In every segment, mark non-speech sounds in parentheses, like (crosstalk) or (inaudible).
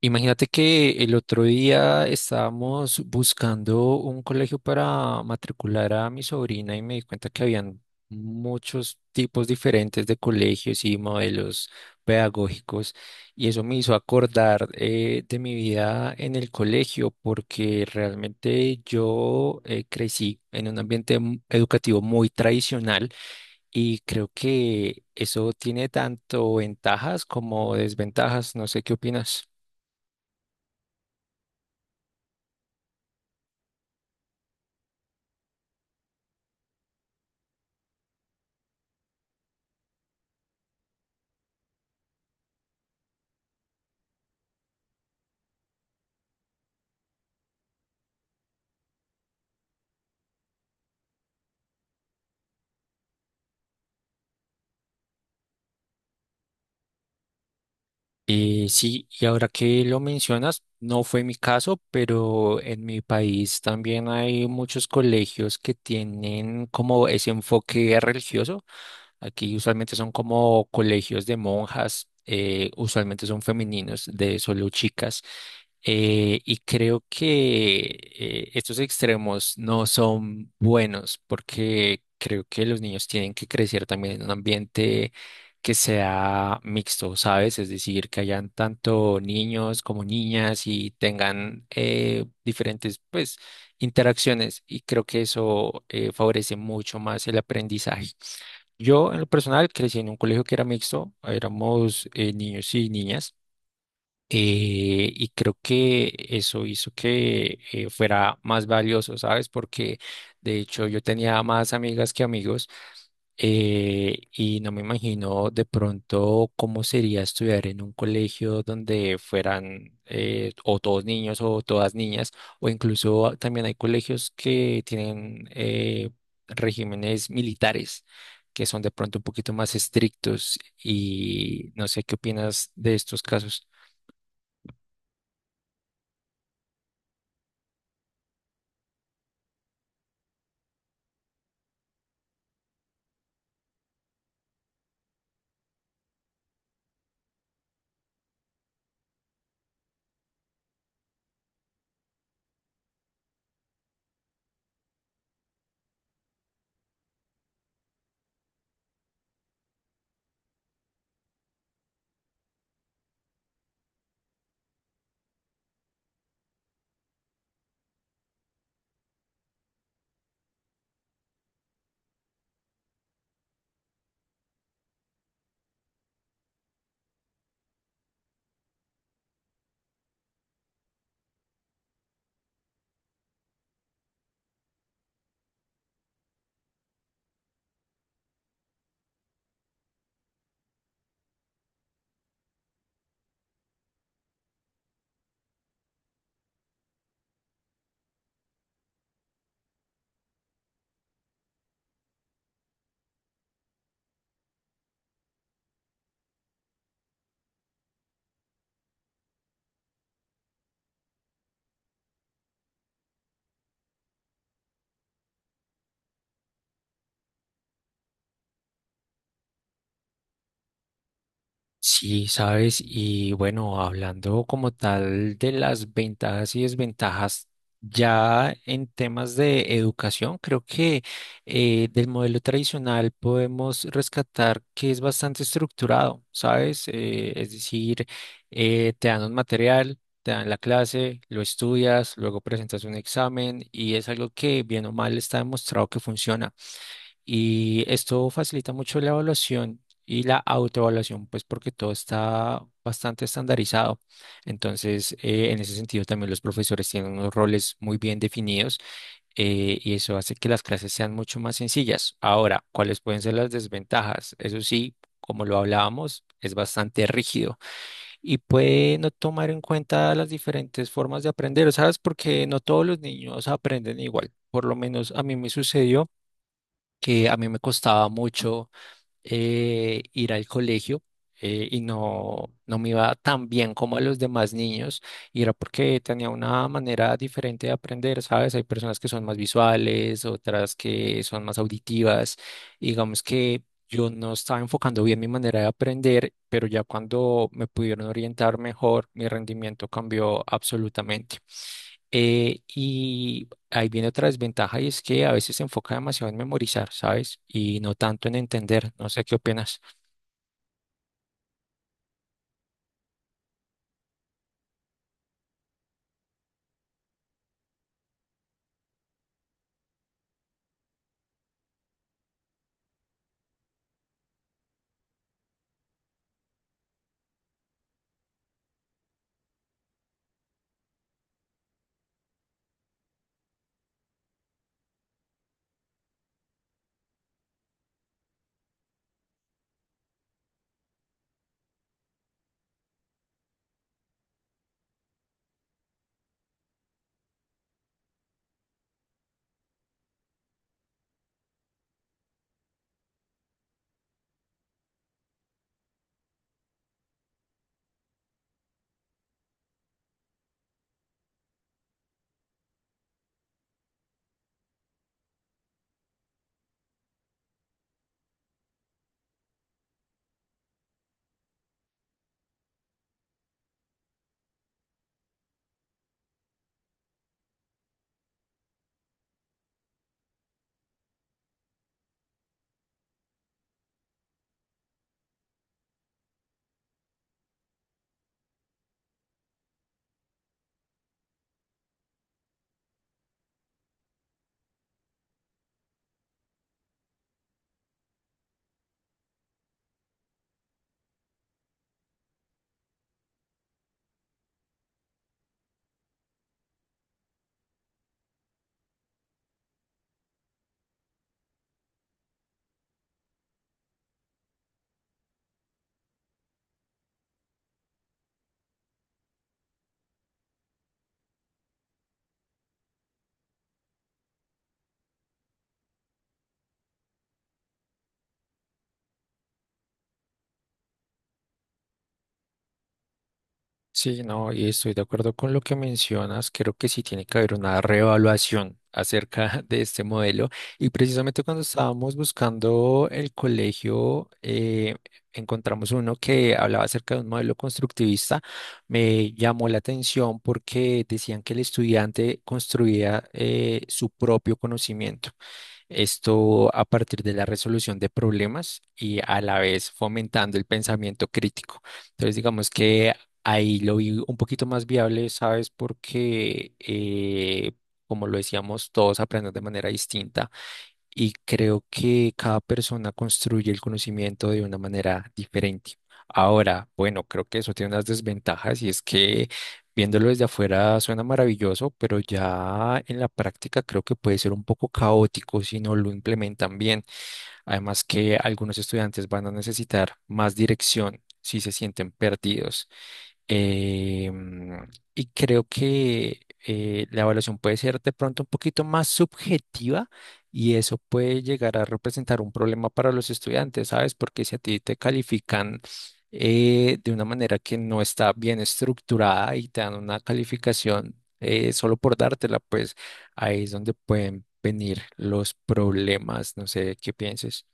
Imagínate que el otro día estábamos buscando un colegio para matricular a mi sobrina y me di cuenta que habían muchos tipos diferentes de colegios y modelos pedagógicos y eso me hizo acordar de mi vida en el colegio porque realmente yo crecí en un ambiente educativo muy tradicional y creo que eso tiene tanto ventajas como desventajas. No sé qué opinas. Sí, y ahora que lo mencionas, no fue mi caso, pero en mi país también hay muchos colegios que tienen como ese enfoque religioso. Aquí usualmente son como colegios de monjas, usualmente son femeninos, de solo chicas. Y creo que estos extremos no son buenos porque creo que los niños tienen que crecer también en un ambiente que sea mixto, ¿sabes? Es decir, que hayan tanto niños como niñas y tengan diferentes, pues, interacciones y creo que eso favorece mucho más el aprendizaje. Yo, en lo personal, crecí en un colegio que era mixto, éramos niños y niñas. Y creo que eso hizo que fuera más valioso, ¿sabes? Porque de hecho yo tenía más amigas que amigos y no me imagino de pronto cómo sería estudiar en un colegio donde fueran o todos niños o todas niñas, o incluso ah, también hay colegios que tienen regímenes militares, que son de pronto un poquito más estrictos, y no sé qué opinas de estos casos. Sí, sabes, y bueno, hablando como tal de las ventajas y desventajas ya en temas de educación, creo que del modelo tradicional podemos rescatar que es bastante estructurado, ¿sabes? Es decir, te dan un material, te dan la clase, lo estudias, luego presentas un examen y es algo que bien o mal está demostrado que funciona. Y esto facilita mucho la evaluación y la autoevaluación, pues porque todo está bastante estandarizado. Entonces, en ese sentido, también los profesores tienen unos roles muy bien definidos y eso hace que las clases sean mucho más sencillas. Ahora, ¿cuáles pueden ser las desventajas? Eso sí, como lo hablábamos, es bastante rígido y puede no tomar en cuenta las diferentes formas de aprender, ¿sabes? Porque no todos los niños aprenden igual. Por lo menos a mí me sucedió que a mí me costaba mucho ir al colegio y no, me iba tan bien como a los demás niños y era porque tenía una manera diferente de aprender, ¿sabes? Hay personas que son más visuales, otras que son más auditivas, y digamos que... Yo no estaba enfocando bien mi manera de aprender, pero ya cuando me pudieron orientar mejor, mi rendimiento cambió absolutamente. Eh, y Ahí viene otra desventaja y es que a veces se enfoca demasiado en memorizar, ¿sabes? Y no tanto en entender. No sé qué opinas. Sí, no, y estoy de acuerdo con lo que mencionas. Creo que sí tiene que haber una reevaluación acerca (laughs) de este modelo. Y precisamente cuando estábamos buscando el colegio, encontramos uno que hablaba acerca de un modelo constructivista. Me llamó la atención porque decían que el estudiante construía su propio conocimiento. Esto a partir de la resolución de problemas y a la vez fomentando el pensamiento crítico. Entonces, digamos que ahí lo vi un poquito más viable, ¿sabes? Porque, como lo decíamos, todos aprenden de manera distinta y creo que cada persona construye el conocimiento de una manera diferente. Ahora, bueno, creo que eso tiene unas desventajas y es que viéndolo desde afuera suena maravilloso, pero ya en la práctica creo que puede ser un poco caótico si no lo implementan bien. Además que algunos estudiantes van a necesitar más dirección si se sienten perdidos. Eh, mm, y creo que la evaluación puede ser de pronto un poquito más subjetiva y eso puede llegar a representar un problema para los estudiantes, ¿sabes? Porque si a ti te califican de una manera que no está bien estructurada y te dan una calificación solo por dártela, pues ahí es donde pueden venir los problemas, no sé qué pienses.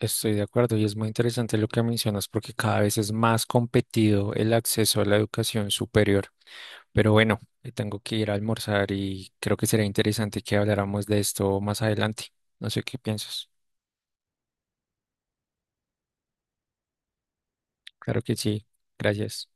Estoy de acuerdo y es muy interesante lo que mencionas porque cada vez es más competido el acceso a la educación superior. Pero bueno, tengo que ir a almorzar y creo que será interesante que habláramos de esto más adelante. No sé qué piensas. Claro que sí. Gracias.